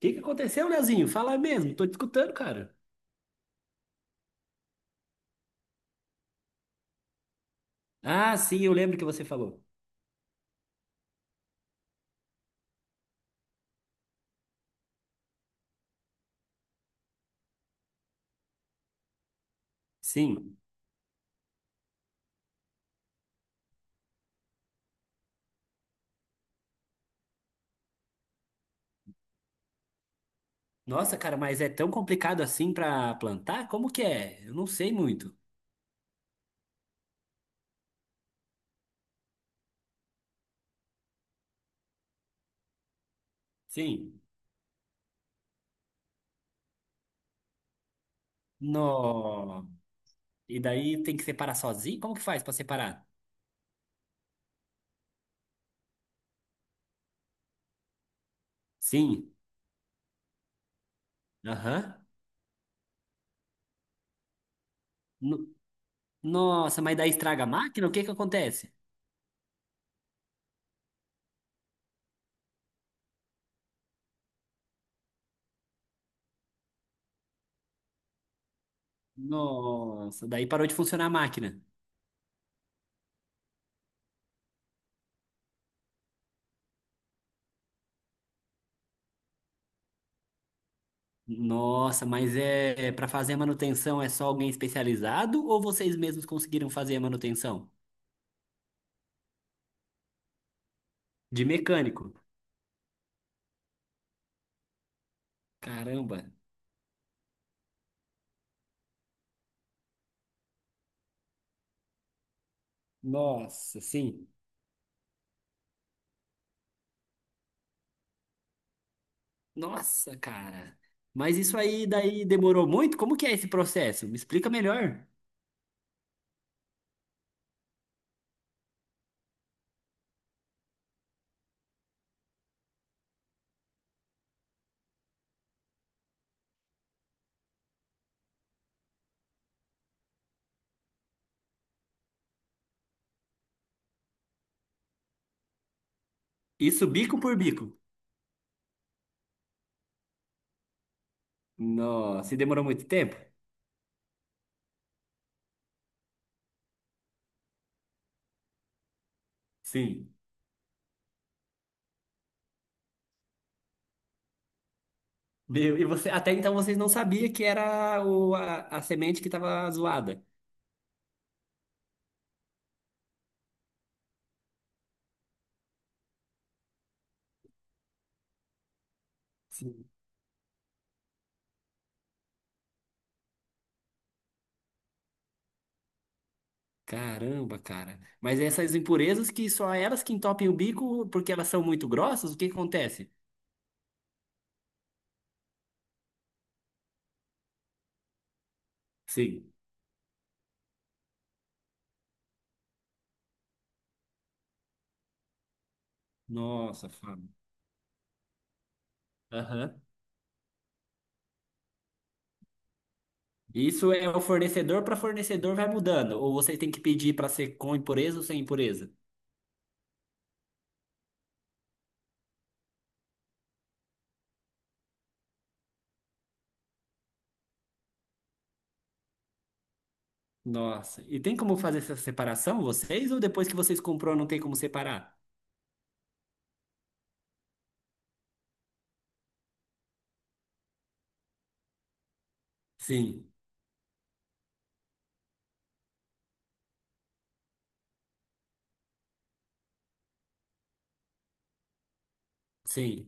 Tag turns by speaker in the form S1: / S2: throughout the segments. S1: Que aconteceu, Leozinho? Fala mesmo, tô te escutando, cara. Ah, sim, eu lembro que você falou. Sim. Nossa, cara, mas é tão complicado assim pra plantar? Como que é? Eu não sei muito. Sim. No. E daí tem que separar sozinho? Como que faz pra separar? Sim. Aham. No- Nossa, mas daí estraga a máquina? O que que acontece? Nossa, daí parou de funcionar a máquina. Nossa, mas é para fazer a manutenção é só alguém especializado ou vocês mesmos conseguiram fazer a manutenção? De mecânico. Caramba, nossa, sim. Nossa, cara. Mas isso aí daí demorou muito? Como que é esse processo? Me explica melhor. Isso bico por bico. Nossa, e demorou muito tempo? Sim. Meu, e você, até então vocês não sabiam que era a semente que estava zoada. Sim. Caramba, cara. Mas essas impurezas que só elas que entopem o bico porque elas são muito grossas, o que que acontece? Sim. Nossa, Fábio. Aham. Isso é o fornecedor para fornecedor vai mudando. Ou você tem que pedir para ser com impureza ou sem impureza? Nossa. E tem como fazer essa separação, vocês? Ou depois que vocês comprou, não tem como separar? Sim, sim.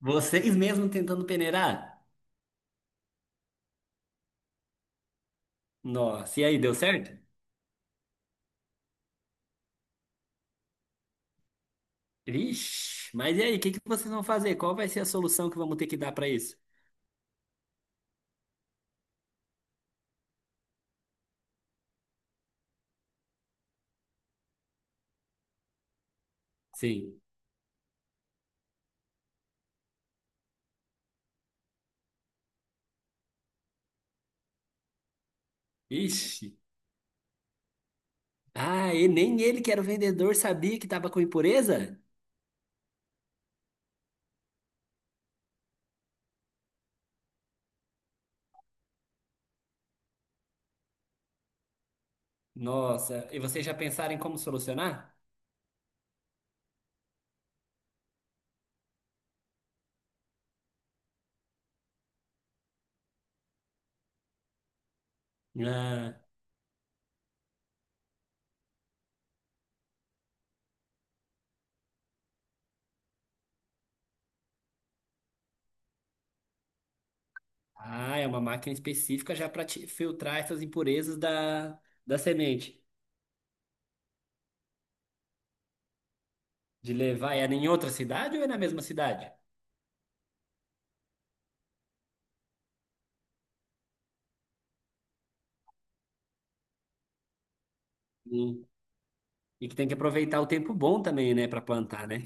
S1: Vocês mesmos tentando peneirar? Nossa. E aí, deu certo? Ixi. Mas e aí, o que que vocês vão fazer? Qual vai ser a solução que vamos ter que dar para isso? Sim. Ixi. Ah, e nem ele, que era o vendedor, sabia que estava com impureza? Nossa. E vocês já pensaram em como solucionar? Ah. Ah, é uma máquina específica já para filtrar essas impurezas da semente. De levar ela em outra cidade ou é na mesma cidade? Sim. E que tem que aproveitar o tempo bom também, né, para plantar, né?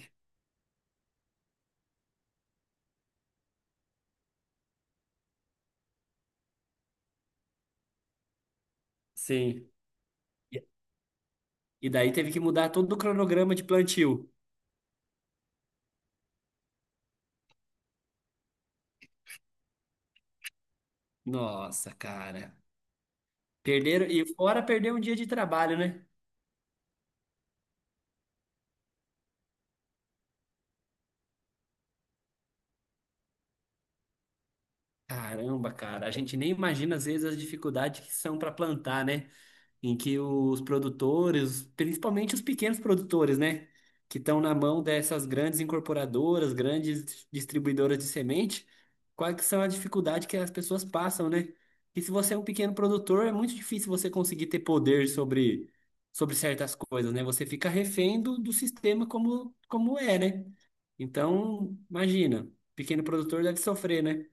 S1: Sim. E e daí teve que mudar todo o cronograma de plantio. Nossa, cara. Perderam, e fora perder um dia de trabalho, né? Caramba, cara, a gente nem imagina às vezes as dificuldades que são para plantar, né? Em que os produtores, principalmente os pequenos produtores, né, que estão na mão dessas grandes incorporadoras, grandes distribuidoras de semente, quais que são a dificuldade que as pessoas passam, né? E se você é um pequeno produtor, é muito difícil você conseguir ter poder sobre, sobre certas coisas, né? Você fica refém do sistema como, como é, né? Então, imagina, pequeno produtor deve sofrer, né?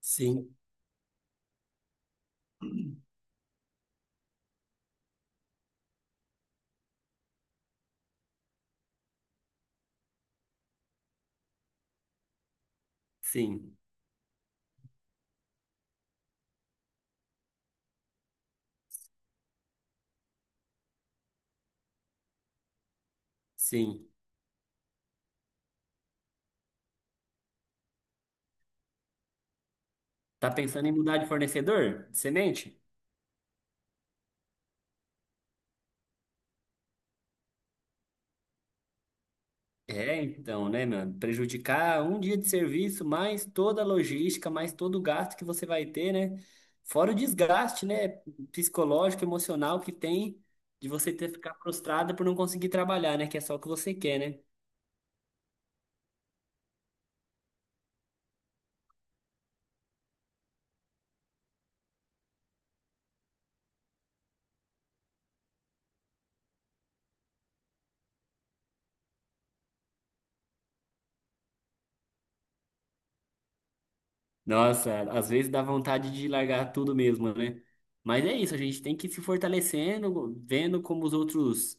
S1: Sim, sim, sim. Tá pensando em mudar de fornecedor de semente? É, então, né, mano? Prejudicar um dia de serviço, mais toda a logística, mais todo o gasto que você vai ter, né? Fora o desgaste, né, psicológico, emocional que tem de você ter que ficar frustrada por não conseguir trabalhar, né? Que é só o que você quer, né? Nossa, às vezes dá vontade de largar tudo mesmo, né? Mas é isso, a gente tem que ir se fortalecendo, vendo como os outros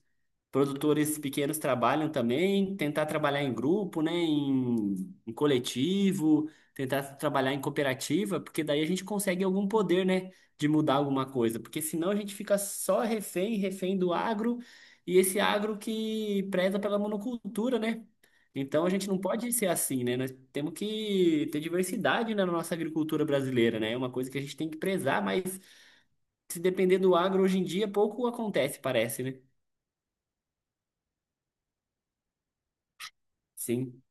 S1: produtores pequenos trabalham também, tentar trabalhar em grupo, né? Em, em coletivo, tentar trabalhar em cooperativa, porque daí a gente consegue algum poder, né? De mudar alguma coisa, porque senão a gente fica só refém, refém do agro, e esse agro que preza pela monocultura, né? Então a gente não pode ser assim, né? Nós temos que ter diversidade né, na nossa agricultura brasileira, né? É uma coisa que a gente tem que prezar, mas se depender do agro hoje em dia, pouco acontece, parece, né? Sim.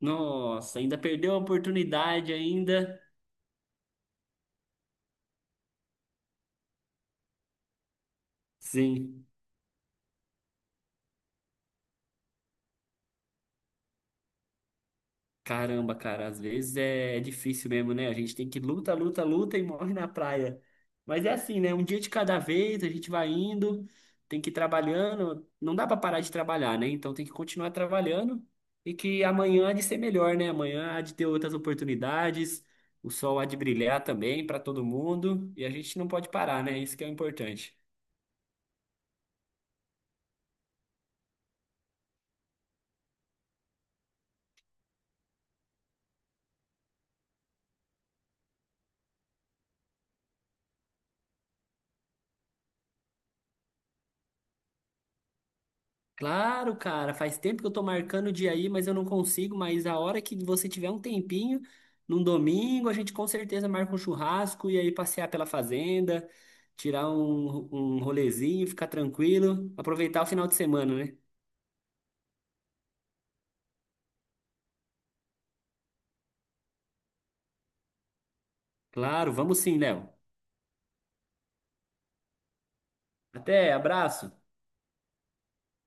S1: Nossa, ainda perdeu a oportunidade ainda. Sim. Caramba, cara, às vezes é difícil mesmo, né? A gente tem que luta, luta, luta e morre na praia. Mas é assim, né? Um dia de cada vez, a gente vai indo, tem que ir trabalhando. Não dá pra parar de trabalhar, né? Então tem que continuar trabalhando e que amanhã há de ser melhor, né? Amanhã há de ter outras oportunidades, o sol há de brilhar também para todo mundo e a gente não pode parar, né? Isso que é o importante. Claro, cara, faz tempo que eu tô marcando o dia aí, mas eu não consigo. Mas a hora que você tiver um tempinho, num domingo, a gente com certeza marca um churrasco e aí passear pela fazenda, tirar um, um rolezinho, ficar tranquilo, aproveitar o final de semana, né? Claro, vamos sim, Léo. Até, abraço.